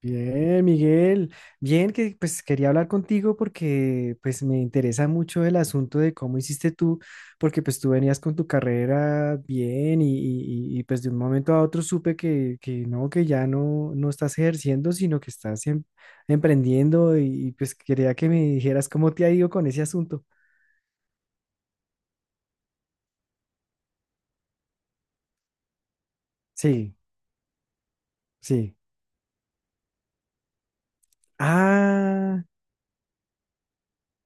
Bien, Miguel. Bien, que pues quería hablar contigo porque pues me interesa mucho el asunto de cómo hiciste tú, porque pues tú venías con tu carrera bien y, pues de un momento a otro supe que no, que ya no estás ejerciendo, sino que estás emprendiendo y, pues quería que me dijeras cómo te ha ido con ese asunto. Sí, sí. Ah.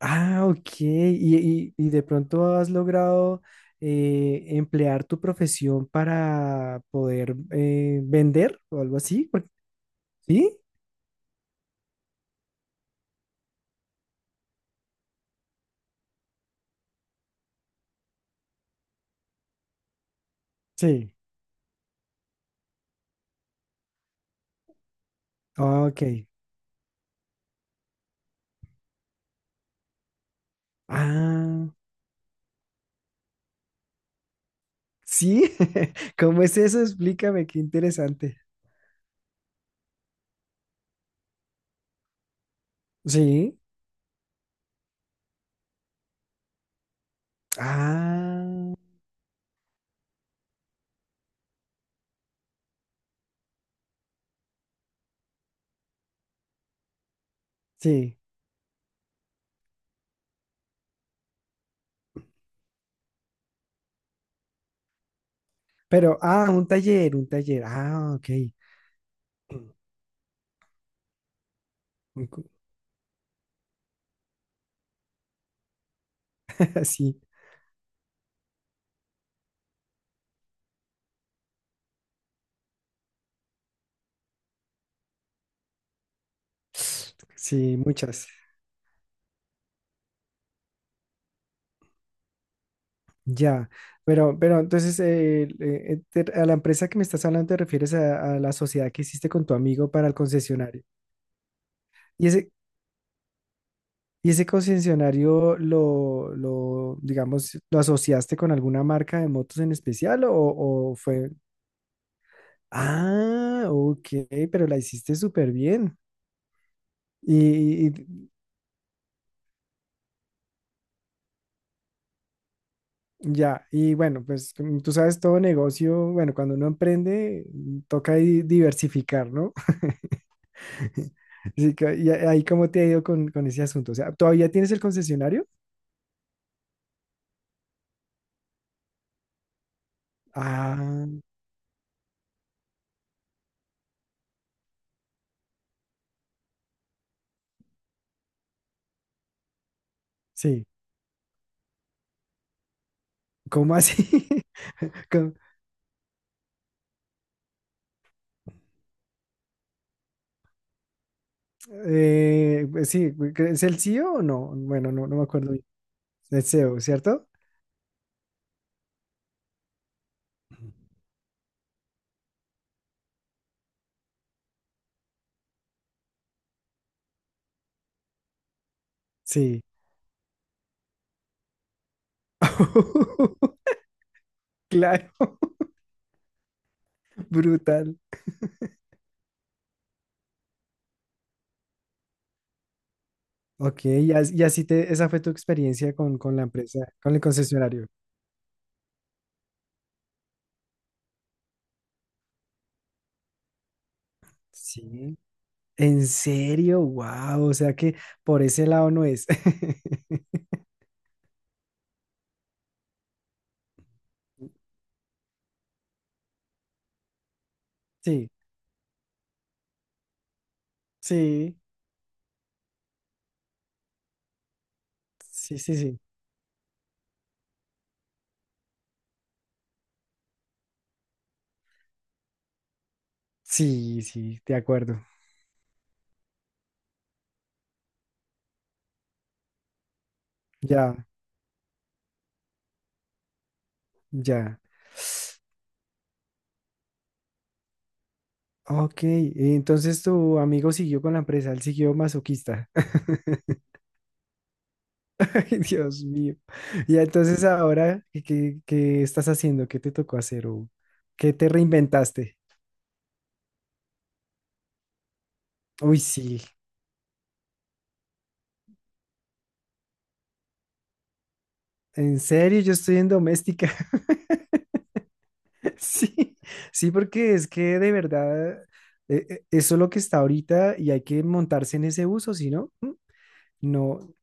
Ah, ok. ¿Y de pronto has logrado emplear tu profesión para poder vender o algo así? ¿Sí? Sí. Ok. Ah, sí. ¿Cómo es eso? Explícame, qué interesante. Sí. Ah, sí. Pero, ah, un taller, un taller. Ah, ok. Un cu- Sí. Sí, muchas. Ya, pero entonces a la empresa que me estás hablando te refieres a la sociedad que hiciste con tu amigo para el concesionario. ¿Y ese, y ese concesionario lo, digamos, lo asociaste con alguna marca de motos en especial o fue? Ah, ok, pero la hiciste súper bien. Y, y- ya, y bueno, pues como tú sabes, todo negocio, bueno, cuando uno emprende, toca diversificar, ¿no? Sí, ahí cómo te ha ido con ese asunto. O sea, ¿todavía tienes el concesionario? Ah, sí. ¿Cómo así? ¿Cómo? Pues sí, ¿es el CEO o no? Bueno, no me acuerdo bien. Es CEO, ¿cierto? Sí. Claro, brutal. Ok, y así esa fue tu experiencia con la empresa, con el concesionario. Sí. ¿En serio? Wow, o sea que por ese lado no es. Sí, sí. Sí, sí, sí. Sí, sí, de acuerdo. Ya, ya. Ok, entonces tu amigo siguió con la empresa, él siguió masoquista. Ay, Dios mío. Y entonces ahora, ¿qué estás haciendo? ¿Qué te tocó hacer? ¿O qué te reinventaste? Uy, sí. En serio, yo estoy en doméstica. Sí, sí, porque es que de verdad, eso es lo que está ahorita y hay que montarse en ese uso, si no, ¿Mm? No,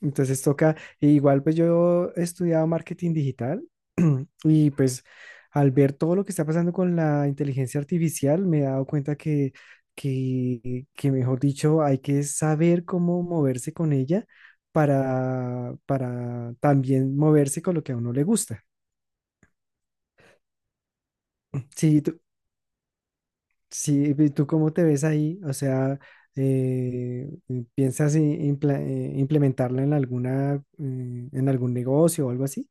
entonces toca, e igual pues yo he estudiado marketing digital y pues al ver todo lo que está pasando con la inteligencia artificial me he dado cuenta que mejor dicho, hay que saber cómo moverse con ella para también moverse con lo que a uno le gusta. Sí, tú, sí, ¿y tú cómo te ves ahí? O sea, eh, ¿piensas implementarla en en algún negocio o algo así?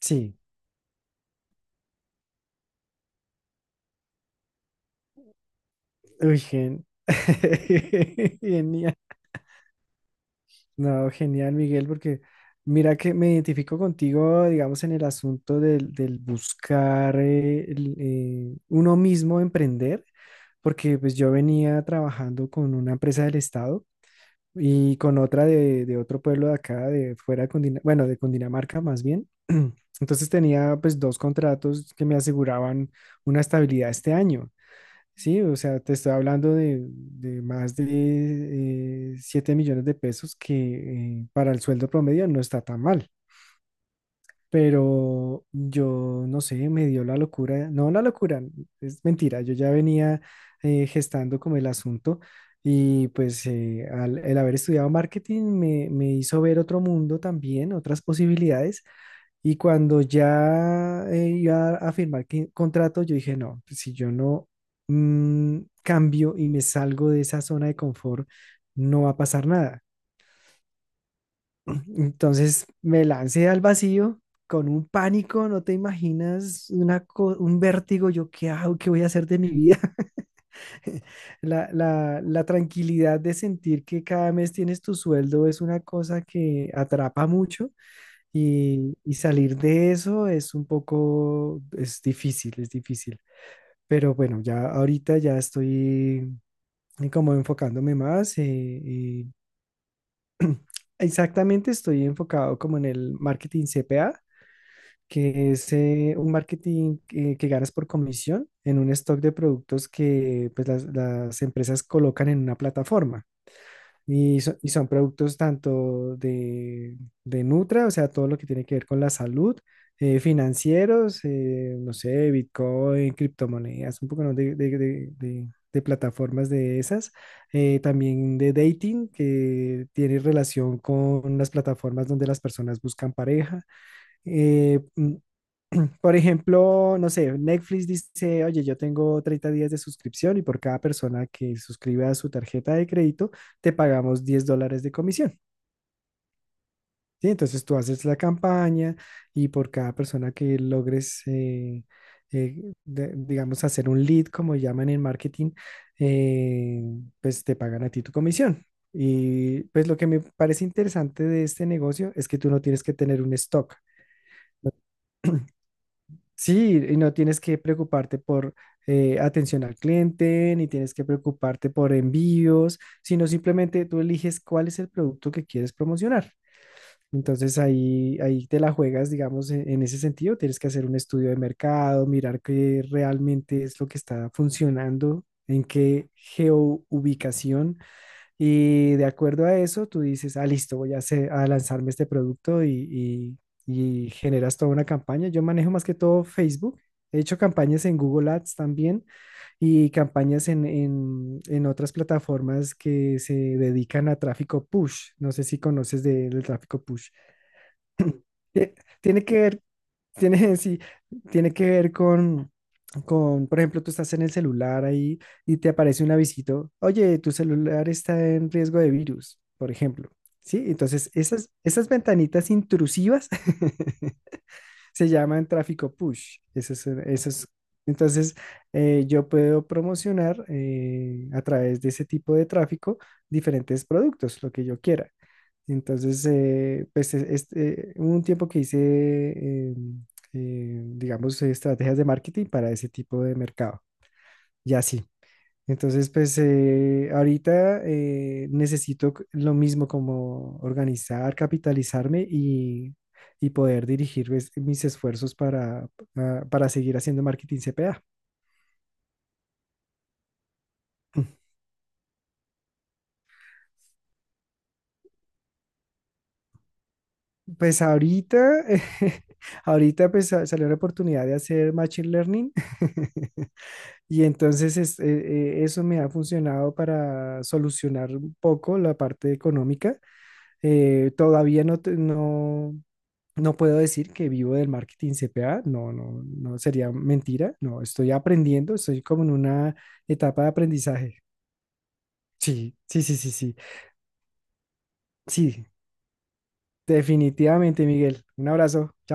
Sí. Uy, genial. No, genial, Miguel, porque mira que me identifico contigo, digamos, en el asunto del buscar uno mismo emprender, porque pues yo venía trabajando con una empresa del Estado y con otra de otro pueblo de acá, de fuera de bueno, de Cundinamarca más bien. Entonces tenía pues dos contratos que me aseguraban una estabilidad este año. Sí, o sea, te estoy hablando de más de 7 millones de pesos que para el sueldo promedio no está tan mal, pero yo no sé, me dio la locura, no la locura, es mentira, yo ya venía gestando como el asunto y pues el haber estudiado marketing me hizo ver otro mundo también, otras posibilidades y cuando ya iba a firmar contrato, yo dije, no, pues, si yo no cambio y me salgo de esa zona de confort, no va a pasar nada. Entonces me lancé al vacío con un pánico, no te imaginas, un vértigo, yo qué hago, qué voy a hacer de mi vida. La tranquilidad de sentir que cada mes tienes tu sueldo es una cosa que atrapa mucho. Y salir de eso es un poco, es difícil, es difícil. Pero bueno, ya ahorita ya estoy como enfocándome más, y exactamente estoy enfocado como en el marketing CPA, que es un marketing que ganas por comisión en un stock de productos que pues, las empresas colocan en una plataforma. Y son productos tanto de Nutra, o sea, todo lo que tiene que ver con la salud, financieros, no sé, Bitcoin, criptomonedas, un poco, ¿no? de plataformas de esas. También de dating, que tiene relación con las plataformas donde las personas buscan pareja. eh, mm, por ejemplo, no sé, Netflix dice, oye, yo tengo 30 días de suscripción y por cada persona que suscriba a su tarjeta de crédito, te pagamos $10 de comisión. ¿Sí? Entonces tú haces la campaña y por cada persona que logres, digamos, hacer un lead, como llaman en marketing, eh, pues te pagan a ti tu comisión. Y pues lo que me parece interesante de este negocio es que tú no tienes que tener un stock. Sí, y no tienes que preocuparte por atención al cliente, ni tienes que preocuparte por envíos, sino simplemente tú eliges cuál es el producto que quieres promocionar. Entonces ahí te la juegas, digamos, en ese sentido. Tienes que hacer un estudio de mercado, mirar qué realmente es lo que está funcionando, en qué geoubicación y de acuerdo a eso, tú dices, ah, listo, voy a lanzarme este producto y generas toda una campaña. Yo manejo más que todo Facebook. He hecho campañas en Google Ads también y campañas en otras plataformas que se dedican a tráfico push. No sé si conoces del tráfico push. Eh, Tiene que ver tiene, sí, tiene que ver con, por ejemplo, tú estás en el celular ahí y te aparece un avisito, oye, tu celular está en riesgo de virus, por ejemplo. Sí, entonces esas ventanitas intrusivas se llaman tráfico push. Entonces yo puedo promocionar a través de ese tipo de tráfico diferentes productos, lo que yo quiera. Entonces, pues hubo un tiempo que hice, eh, digamos, estrategias de marketing para ese tipo de mercado. Y así. Entonces, pues ahorita necesito lo mismo como organizar, capitalizarme y poder dirigir pues, mis esfuerzos para seguir haciendo marketing CPA. Pues ahorita, ahorita pues salió la oportunidad de hacer machine learning. Y entonces eso me ha funcionado para solucionar un poco la parte económica. Todavía no, no puedo decir que vivo del marketing CPA. No, no, no sería mentira, no, estoy aprendiendo, estoy como en una etapa de aprendizaje. Sí, sí, sí, sí, sí, sí, definitivamente, Miguel. Un abrazo, chao.